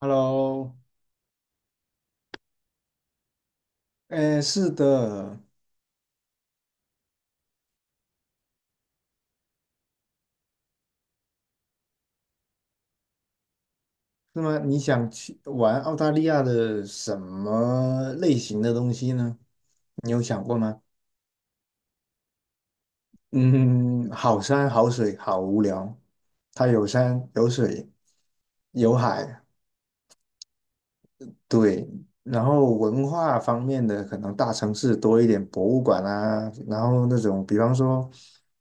Hello，哎，是的，那么你想去玩澳大利亚的什么类型的东西呢？你有想过吗？嗯，好山好水好无聊，它有山有水有海，对。然后文化方面的，可能大城市多一点博物馆啊，然后那种比方说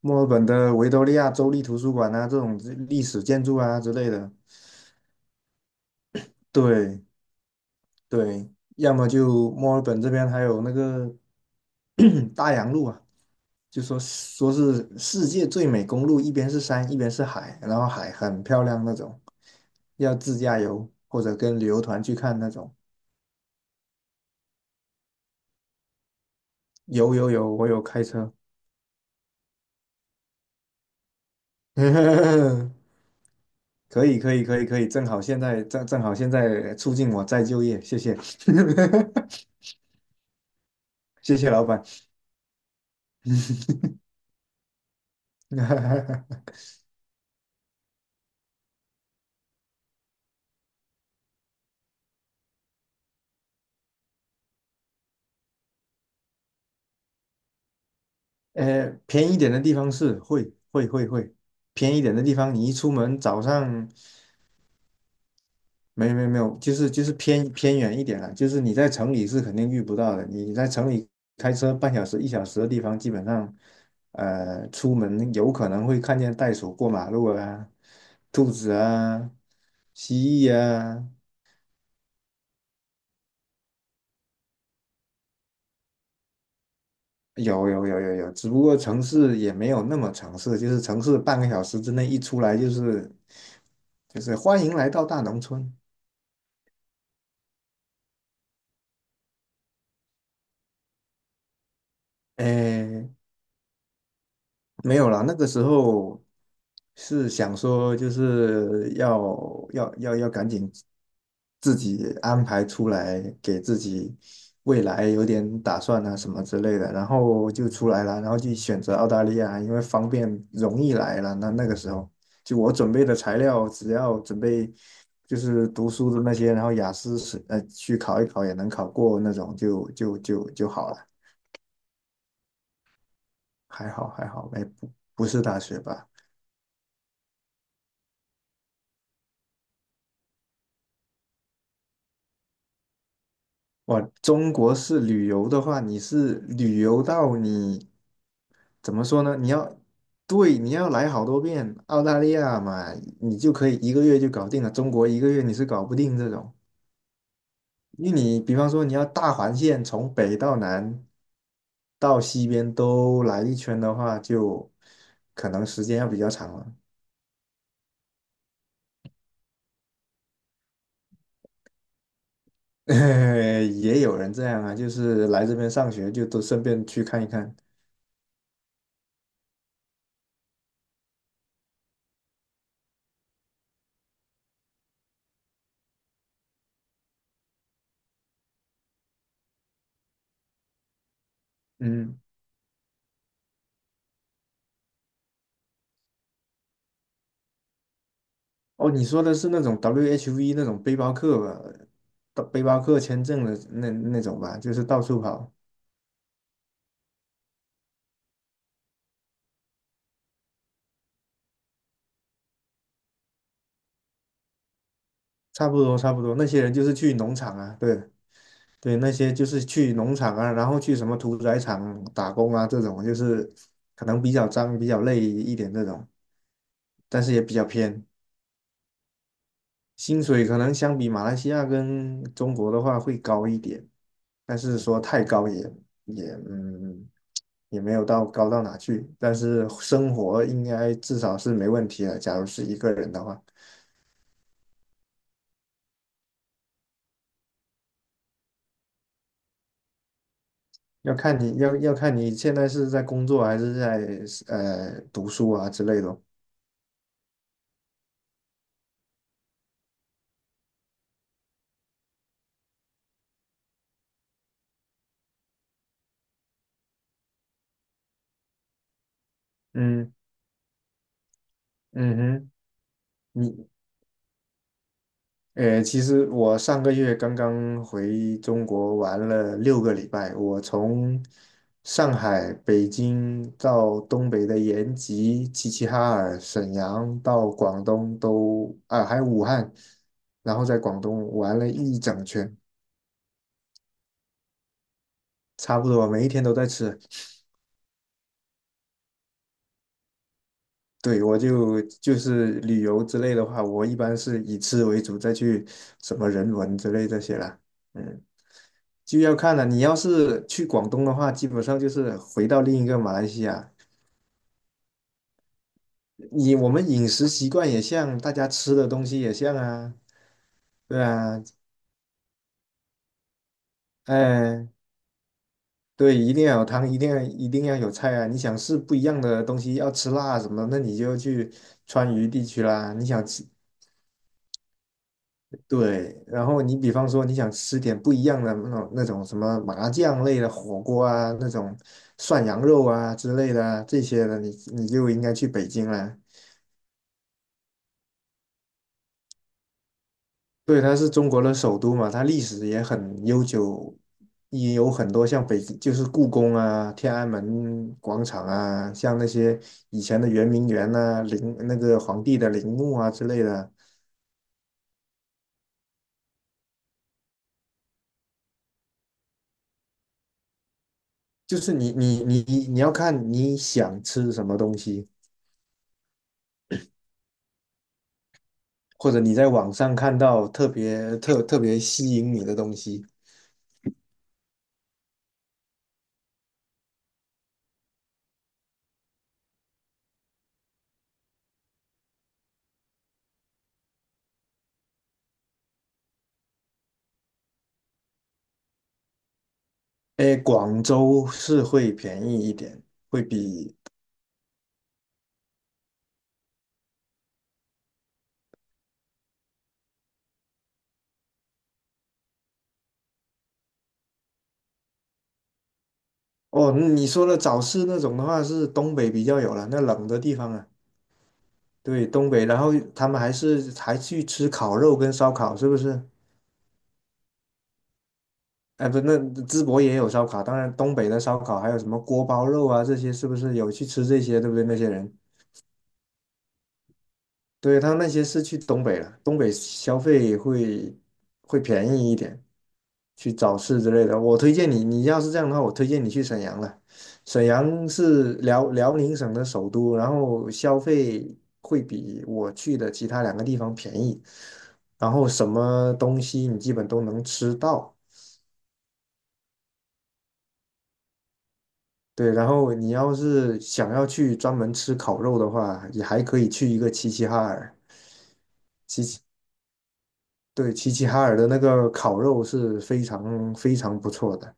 墨尔本的维多利亚州立图书馆啊，这种历史建筑啊之类的，对。对，要么就墨尔本这边还有那个 大洋路啊，就说是世界最美公路，一边是山，一边是海，然后海很漂亮那种，要自驾游或者跟旅游团去看那种。有有有，我有开车，可以可以可以可以，正好现在促进我再就业，谢谢 谢谢老板。偏一点的地方是会偏一点的地方，你一出门早上没有没有没有，就是偏远一点了，就是你在城里是肯定遇不到的。你在城里开车半小时一小时的地方，基本上出门有可能会看见袋鼠过马路啊，兔子啊，蜥蜴啊，有有有有有，只不过城市也没有那么城市，就是城市半个小时之内一出来就是欢迎来到大农村。诶，没有啦，那个时候是想说，就是要赶紧自己安排出来，给自己未来有点打算啊什么之类的，然后就出来了，然后就选择澳大利亚，因为方便容易来了。那个时候，就我准备的材料，只要准备就是读书的那些，然后雅思是去考一考也能考过那种，就好了，还好还好，哎，不是大学吧。哇，中国式旅游的话，你是旅游到你怎么说呢？你要对，你要来好多遍澳大利亚嘛，你就可以一个月就搞定了。中国一个月你是搞不定这种，因为你比方说你要大环线从北到南到西边都来一圈的话，就可能时间要比较长了。也有人这样啊，就是来这边上学就都顺便去看一看。嗯。哦，你说的是那种 WHV 那种背包客吧，到背包客签证的那种吧，就是到处跑，差不多差不多。那些人就是去农场啊，对对，那些就是去农场啊，然后去什么屠宰场打工啊，这种就是可能比较脏、比较累一点这种，但是也比较偏，薪水可能相比马来西亚跟中国的话会高一点，但是说太高也，也没有到高到哪去，但是生活应该至少是没问题的。假如是一个人的话，要看你现在是在工作还是在读书啊之类的。嗯嗯哼，你其实我上个月刚刚回中国玩了6个礼拜，我从上海、北京到东北的延吉、齐齐哈尔、沈阳，到广东都啊，还有武汉，然后在广东玩了一整圈，差不多每一天都在吃。对，我就是旅游之类的话，我一般是以吃为主，再去什么人文之类这些啦。嗯。就要看了。你要是去广东的话，基本上就是回到另一个马来西亚。你我们饮食习惯也像，大家吃的东西也像啊，对啊，哎，对，一定要有汤，一定要有菜啊。你想吃不一样的东西，要吃辣什么，那你就去川渝地区啦。你想吃，对，然后你比方说你想吃点不一样的那种什么麻酱类的火锅啊，那种涮羊肉啊之类的啊这些的，你就应该去北京了。对，它是中国的首都嘛，它历史也很悠久，也有很多像北，就是故宫啊、天安门广场啊，像那些以前的圆明园呐、陵那个皇帝的陵墓啊之类的。就是你要看你想吃什么东西，或者你在网上看到特别特别吸引你的东西，哎，广州是会便宜一点，会比哦你说的早市那种的话是东北比较有了，那冷的地方啊。对，东北，然后他们还去吃烤肉跟烧烤，是不是？哎，不，那淄博也有烧烤，当然东北的烧烤还有什么锅包肉啊，这些是不是有去吃这些，对不对？那些人，对，他那些是去东北了，东北消费会便宜一点，去早市之类的。我推荐你，你要是这样的话，我推荐你去沈阳了。沈阳是辽宁省的首都，然后消费会比我去的其他两个地方便宜，然后什么东西你基本都能吃到。对，然后你要是想要去专门吃烤肉的话，也还可以去一个齐齐哈尔。对，齐齐哈尔的那个烤肉是非常非常不错的。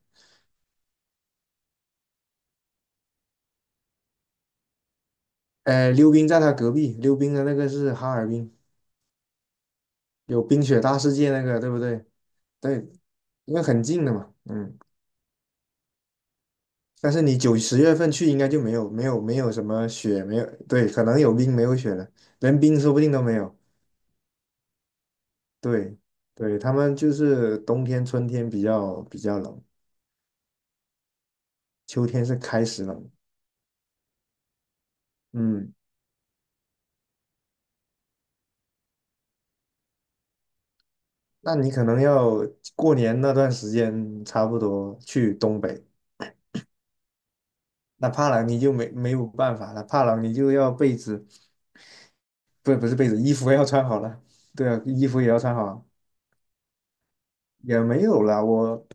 溜冰在他隔壁，溜冰的那个是哈尔滨，有冰雪大世界那个，对不对？对，因为很近的嘛，嗯。但是你9、10月份去应该就没有什么雪，没有，对，可能有冰没有雪了，连冰说不定都没有。对，对，他们就是冬天、春天比较冷，秋天是开始冷，嗯。那你可能要过年那段时间差不多去东北。那怕冷你就没有办法了，怕冷你就要被子，不是被子，衣服要穿好了，对啊，衣服也要穿好啊也没有了。我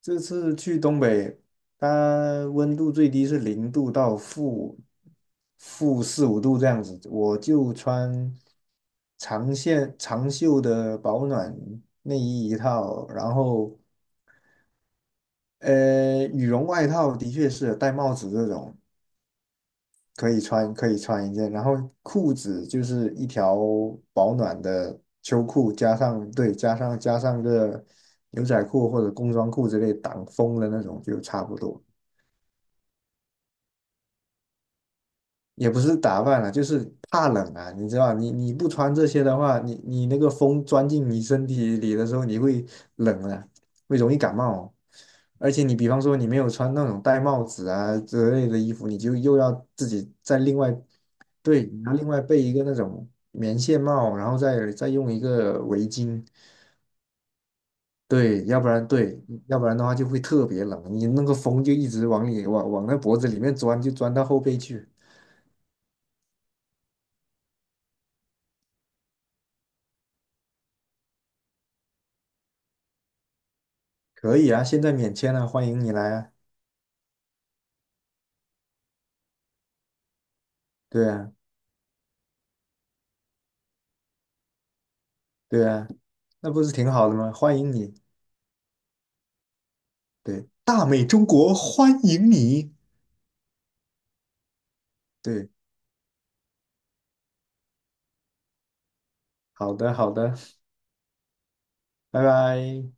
这次去东北，它温度最低是0度到负四五度这样子，我就穿长线长袖的保暖内衣一套，然后羽绒外套的确是戴帽子这种。可以穿，可以穿一件，然后裤子就是一条保暖的秋裤，加上对，加上个牛仔裤或者工装裤之类挡风的那种就差不多，也不是打扮了，就是怕冷啊，你知道吧，你不穿这些的话，你那个风钻进你身体里的时候，你会冷啊，会容易感冒哦。而且你比方说你没有穿那种戴帽子啊之类的衣服，你就又要自己再另外对，你要另外备一个那种棉线帽，然后再用一个围巾，对，要不然对，要不然的话就会特别冷，你那个风就一直往里往那脖子里面钻，就钻到后背去。可以啊，现在免签了，欢迎你来啊！对啊，对啊，那不是挺好的吗？欢迎你，对，大美中国欢迎你，对，好的，好的，拜拜。